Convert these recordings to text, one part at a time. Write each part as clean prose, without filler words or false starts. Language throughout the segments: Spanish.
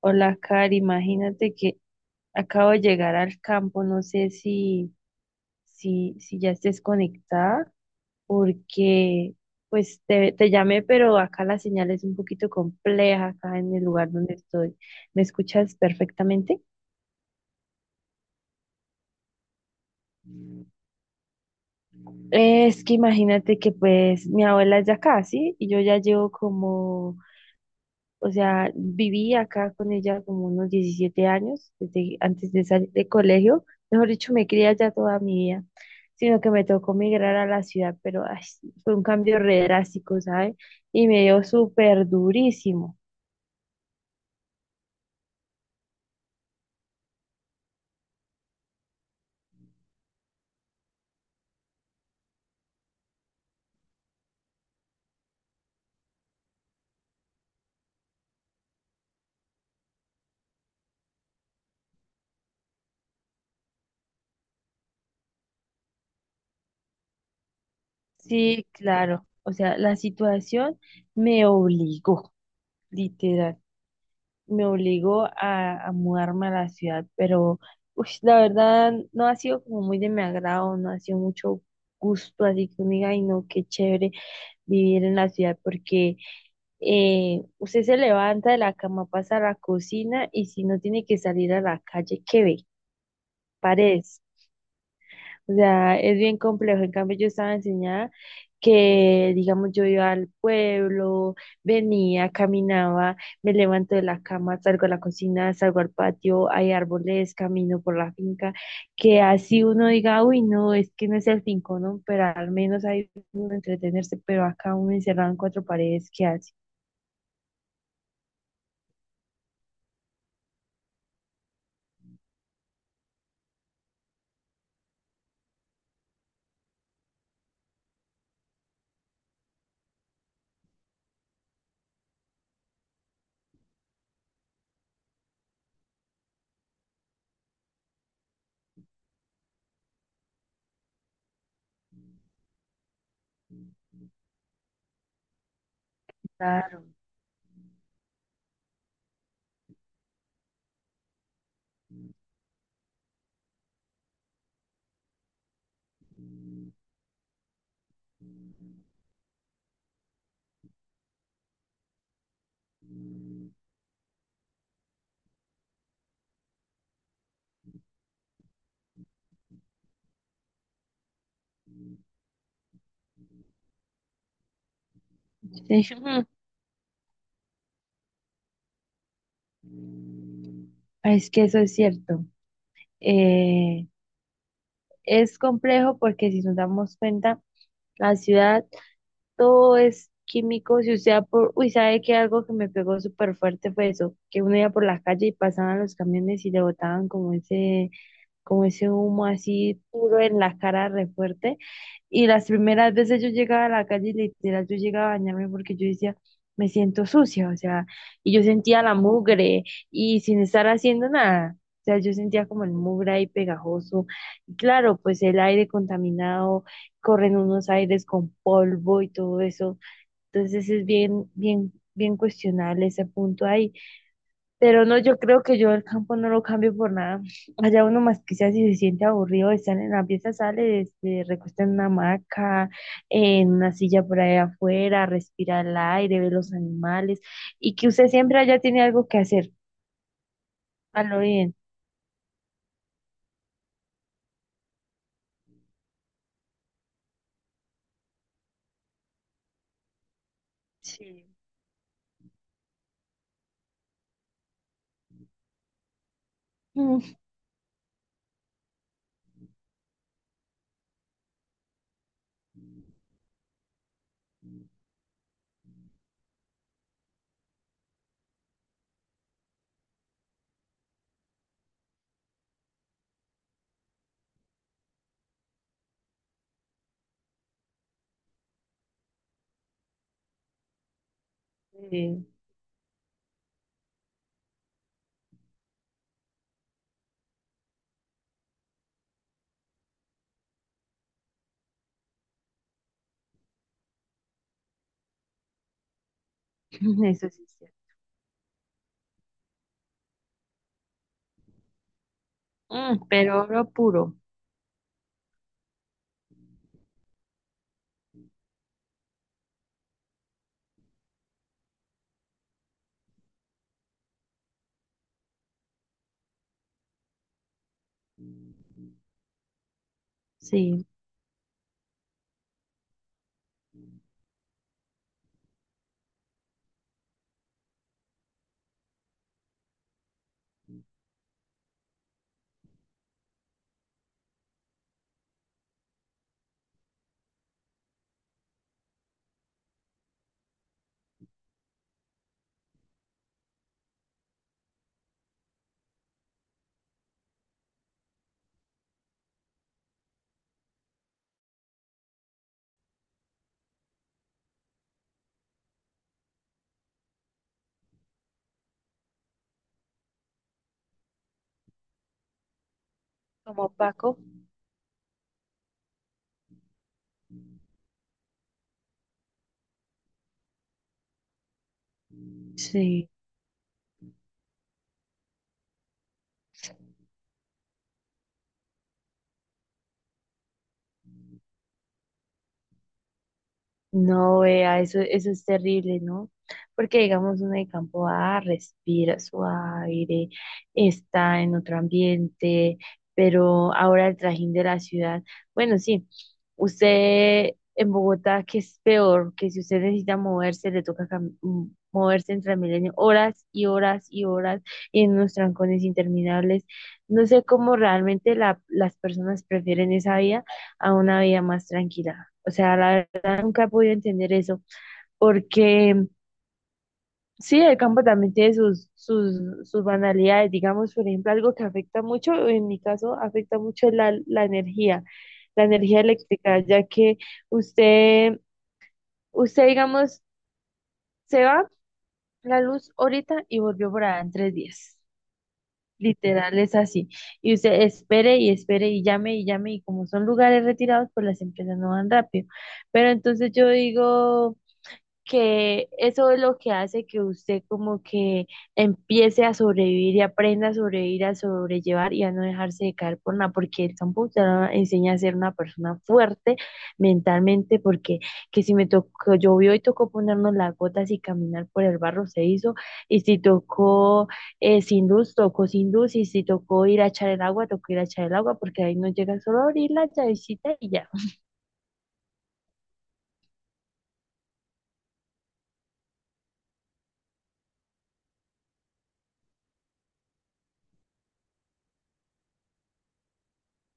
Hola, Cari, imagínate que acabo de llegar al campo, no sé si, si ya estés conectada, porque pues te llamé, pero acá la señal es un poquito compleja, acá en el lugar donde estoy. ¿Me escuchas perfectamente? Es que imagínate que pues mi abuela es de acá, ¿sí? Y yo ya llevo como O sea, viví acá con ella como unos 17 años, desde antes de salir de colegio. Mejor dicho, me crié allá toda mi vida, sino que me tocó migrar a la ciudad, pero ay, sí, fue un cambio re drástico, ¿sabes? Y me dio súper durísimo. Sí, claro. O sea, la situación me obligó, literal. Me obligó a mudarme a la ciudad, pero ush, la verdad no ha sido como muy de mi agrado, no ha sido mucho gusto, así que uno diga, ay no, qué chévere vivir en la ciudad, porque usted se levanta de la cama, pasa a la cocina y si no tiene que salir a la calle, ¿qué ve? Paredes. O sea, es bien complejo. En cambio, yo estaba enseñada que, digamos, yo iba al pueblo, venía, caminaba, me levanto de la cama, salgo a la cocina, salgo al patio, hay árboles, camino por la finca, que así uno diga, uy, no, es que no es el finco, ¿no? Pero al menos hay uno entretenerse, pero acá uno encerrado en cuatro paredes, ¿qué hace? Claro. Sí. Es que eso es cierto. Eh, es complejo porque si nos damos cuenta, la ciudad todo es químico. Si usted va por, uy, sabe que algo que me pegó súper fuerte fue eso, que uno iba por la calle y pasaban los camiones y le botaban como ese humo así puro en la cara re fuerte. Y las primeras veces yo llegaba a la calle y literal yo llegaba a bañarme porque yo decía, me siento sucia, o sea, y yo sentía la mugre y sin estar haciendo nada. O sea, yo sentía como el mugre ahí pegajoso. Y claro, pues el aire contaminado, corren unos aires con polvo y todo eso. Entonces es bien, bien, bien cuestionable ese punto ahí. Pero no, yo creo que yo el campo no lo cambio por nada. Allá uno más quizás si se siente aburrido de estar en la pieza, sale, se recuesta en una hamaca, en una silla por ahí afuera, respira el aire, ve los animales y que usted siempre allá tiene algo que hacer. A lo bien. Sí. Mm. Sí. Eso sí. Es cierto. Mm, pero oro puro. Sí, como Paco. Sí. No, vea, eso es terrible, ¿no? Porque digamos, uno de campo A respira su aire, está en otro ambiente, pero ahora el trajín de la ciudad, bueno, sí, usted en Bogotá, que es peor, que si usted necesita moverse, le toca moverse en Transmilenio horas y horas y horas y en unos trancones interminables. No sé cómo realmente las personas prefieren esa vida a una vida más tranquila. O sea, la nunca he podido entender eso, porque sí, el campo también tiene sus, banalidades, digamos, por ejemplo, algo que afecta mucho, en mi caso, afecta mucho la energía, la energía eléctrica, ya que usted, usted, digamos, se va la luz ahorita y volvió por allá en 3 días. Literal es así. Y usted espere y espere y llame y llame y como son lugares retirados, pues las empresas no van rápido. Pero entonces yo digo... Que eso es lo que hace que usted como que empiece a sobrevivir y aprenda a sobrevivir, a sobrellevar y a no dejarse de caer por nada, porque el campo te lo enseña a ser una persona fuerte mentalmente, porque que si me tocó, llovió y tocó ponernos las gotas y caminar por el barro se hizo, y si tocó sin luz, tocó sin luz, y si tocó ir a echar el agua, tocó ir a echar el agua, porque ahí no llega solo a abrir la llavecita y ya.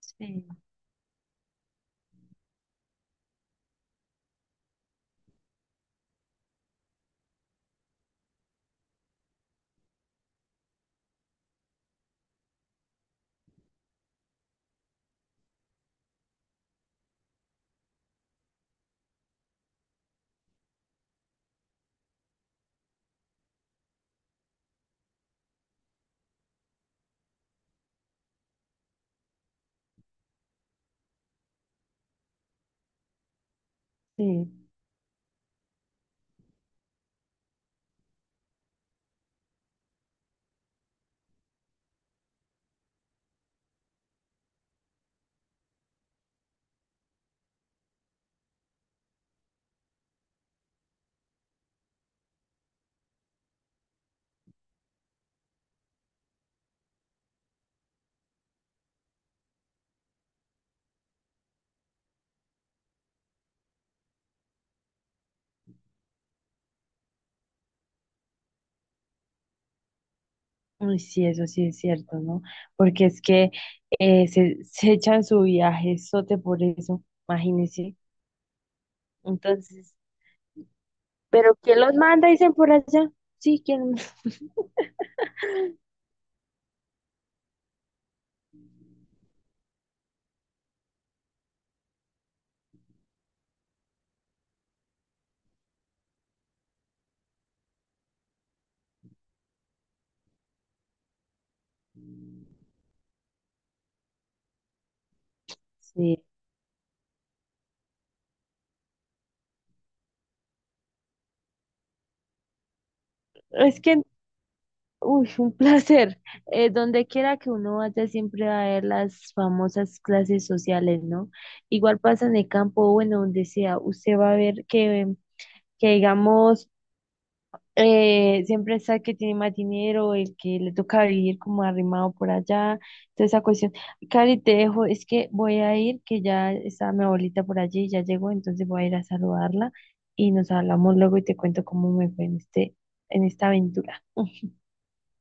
Sí. Sí. Uy, sí, eso sí es cierto, ¿no? Porque es que se, se echan su viaje sote por eso, imagínense. Entonces, ¿pero quién los manda? Dicen por allá. Sí, ¿quién? Sí, es que, uy, un placer. Donde quiera que uno vaya, siempre va a ver las famosas clases sociales, ¿no? Igual pasa en el campo, bueno, donde sea, usted va a ver que digamos. Siempre está el que tiene más dinero, el que le toca vivir como arrimado por allá, toda esa cuestión. Cari, te dejo, es que voy a ir, que ya está mi abuelita por allí, ya llegó, entonces voy a ir a saludarla y nos hablamos luego y te cuento cómo me fue en este, en esta aventura.